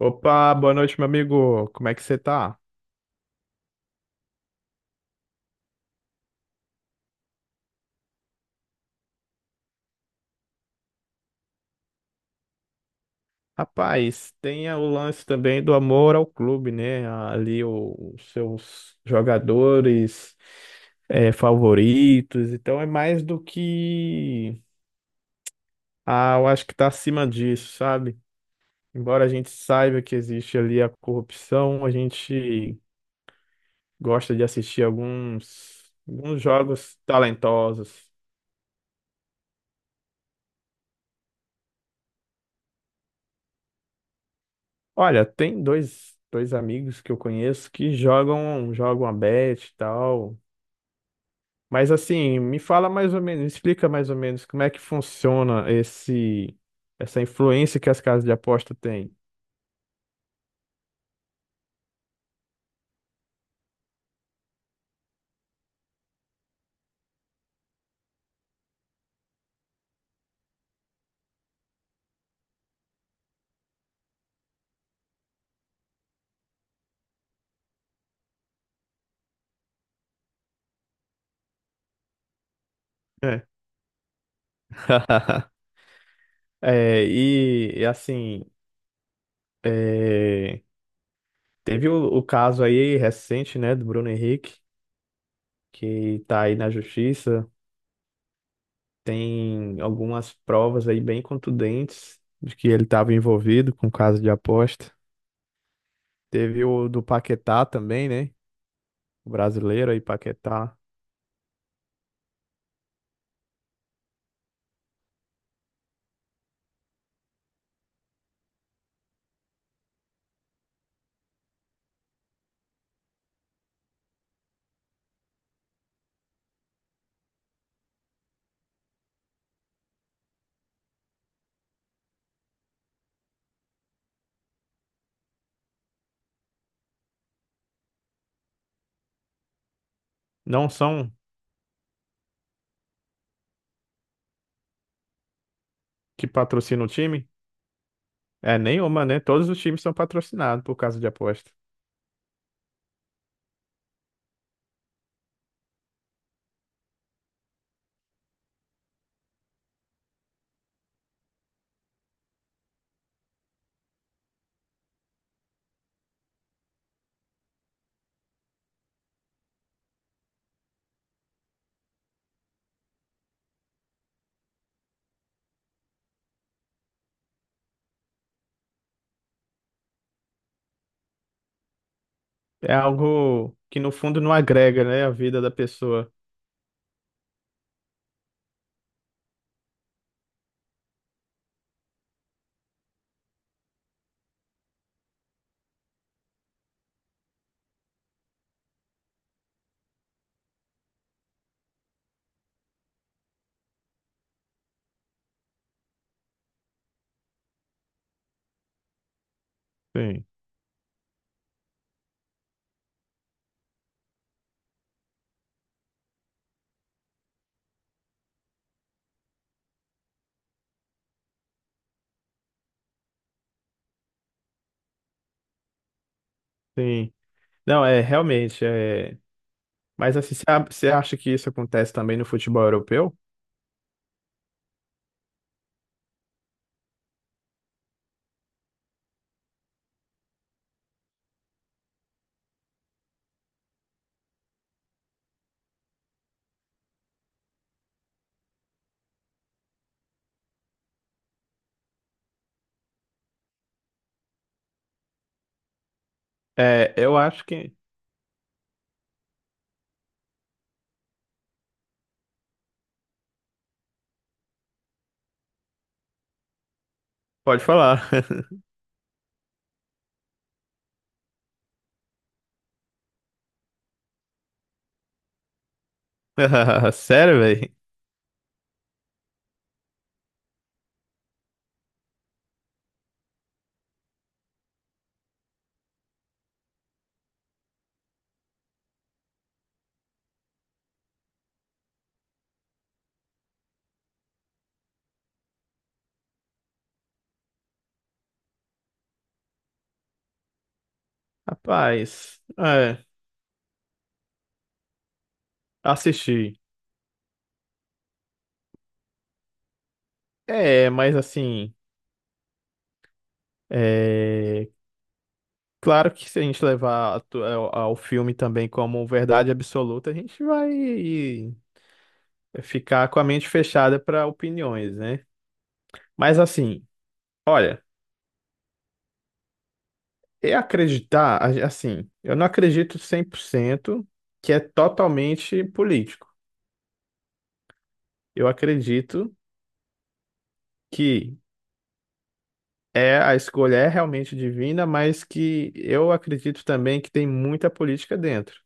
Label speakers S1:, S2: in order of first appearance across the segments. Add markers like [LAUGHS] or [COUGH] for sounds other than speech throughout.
S1: Opa, boa noite, meu amigo. Como é que você tá? Rapaz, tem o lance também do amor ao clube, né? Ali os seus jogadores favoritos. Então é mais do que. Ah, eu acho que tá acima disso, sabe? Embora a gente saiba que existe ali a corrupção, a gente gosta de assistir alguns jogos talentosos. Olha, tem dois amigos que eu conheço que jogam a bet e tal. Mas assim, me fala mais ou menos, me explica mais ou menos como é que funciona essa influência que as casas de aposta têm. É. [LAUGHS] É, e, e, assim, é, Teve o caso aí recente, né, do Bruno Henrique, que tá aí na justiça. Tem algumas provas aí bem contundentes de que ele estava envolvido com caso de aposta. Teve o do Paquetá também, né? O brasileiro aí, Paquetá. Não são que patrocinam o time? É nenhuma, né? Todos os times são patrocinados por causa de aposta. É algo que no fundo não agrega, né, a vida da pessoa. Sim, sim. Não, é realmente, é... Mas assim, você você acha que isso acontece também no futebol europeu? É, eu acho que... Pode falar. [LAUGHS] [LAUGHS] Sério, velho? Rapaz, é, assisti. É, mas assim, é, claro que se a gente levar ao ao filme também como verdade absoluta, a gente vai ficar com a mente fechada para opiniões, né? Mas assim, olha, é acreditar, assim, eu não acredito 100% que é totalmente político. Eu acredito que é, a escolha é realmente divina, mas que eu acredito também que tem muita política dentro.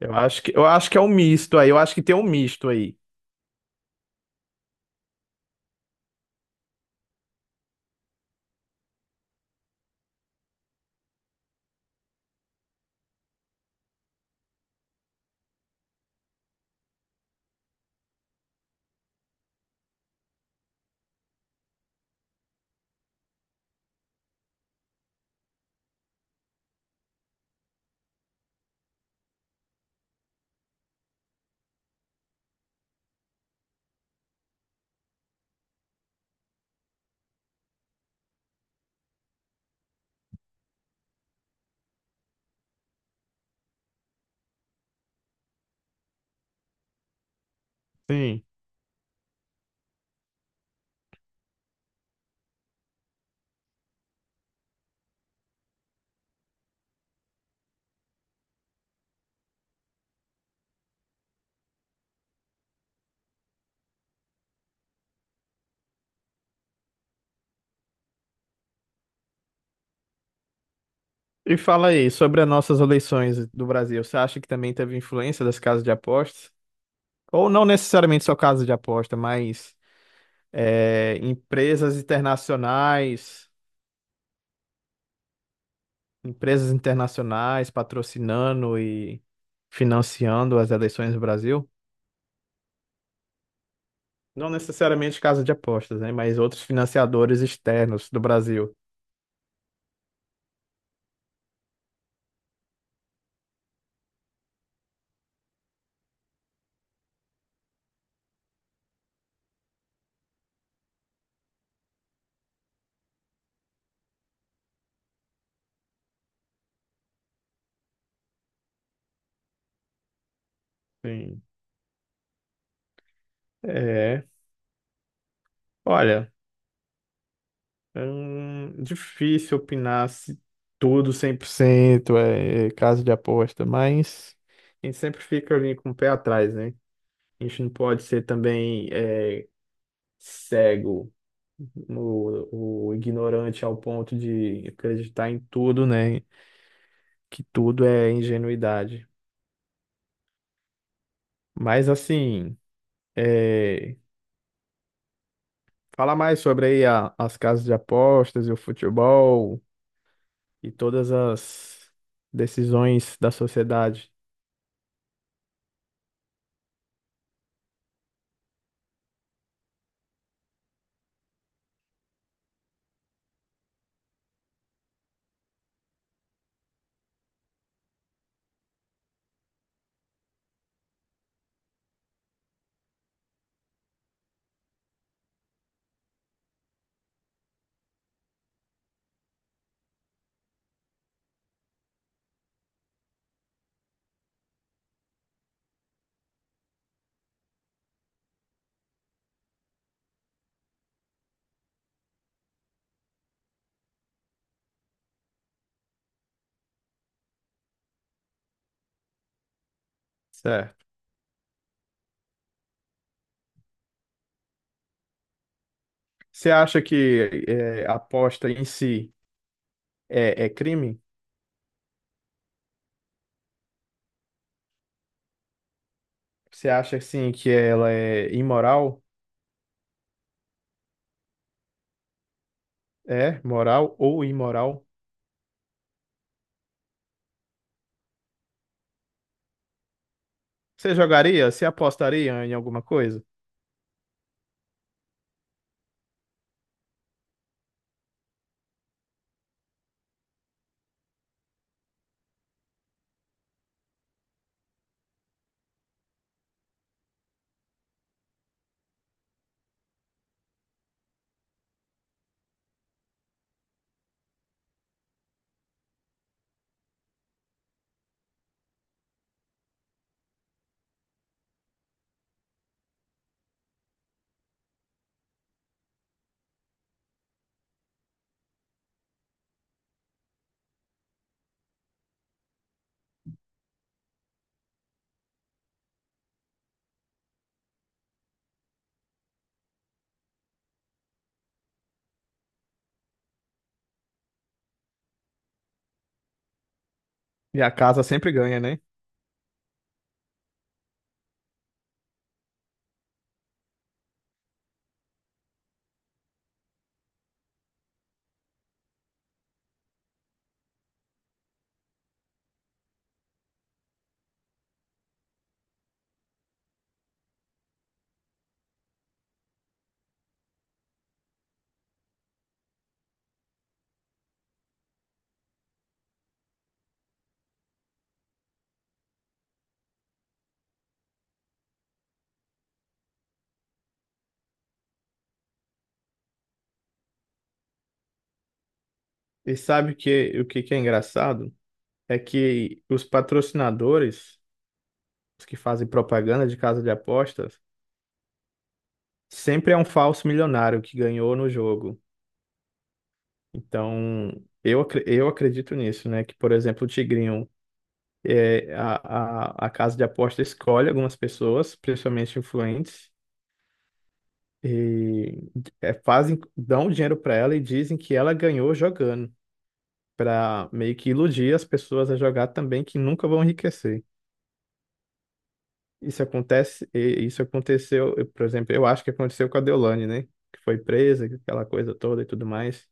S1: Eu acho que é um misto aí, eu acho que tem um misto aí. Sim. E fala aí, sobre as nossas eleições do Brasil, você acha que também teve influência das casas de apostas? Ou não necessariamente só casas de aposta, mas é, empresas internacionais patrocinando e financiando as eleições do Brasil? Não necessariamente casa de apostas, né? Mas outros financiadores externos do Brasil. Sim. É. Olha, é difícil opinar se tudo 100% é casa de aposta, mas a gente sempre fica ali com o pé atrás, né? A gente não pode ser também é, cego, o ignorante ao ponto de acreditar em tudo, né? Que tudo é ingenuidade. Mas assim. é Fala mais sobre aí as casas de apostas e o futebol e todas as decisões da sociedade, certo? Você acha que a aposta em si é crime? Você acha assim que ela é imoral? É moral ou imoral? Você jogaria? Você apostaria em alguma coisa? E a casa sempre ganha, né? E sabe o que que é engraçado? É que os patrocinadores, os que fazem propaganda de casa de apostas, sempre é um falso milionário que ganhou no jogo. Então, eu acredito nisso, né? Que, por exemplo, o Tigrinho, é, a, a casa de aposta escolhe algumas pessoas, principalmente influentes, e é, fazem, dão o dinheiro para ela e dizem que ela ganhou jogando, para meio que iludir as pessoas a jogar também, que nunca vão enriquecer. Isso acontece, e isso aconteceu, eu, por exemplo, eu acho que aconteceu com a Deolane, né? Que foi presa, aquela coisa toda e tudo mais.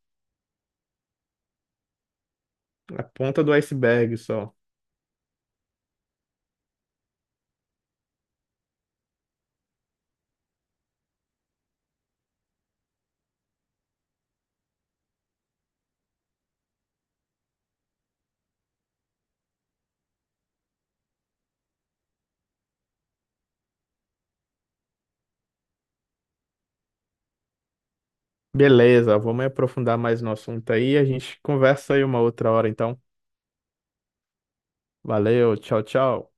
S1: A ponta do iceberg só. Beleza, vamos aprofundar mais no assunto aí. A gente conversa aí uma outra hora, então. Valeu, tchau, tchau.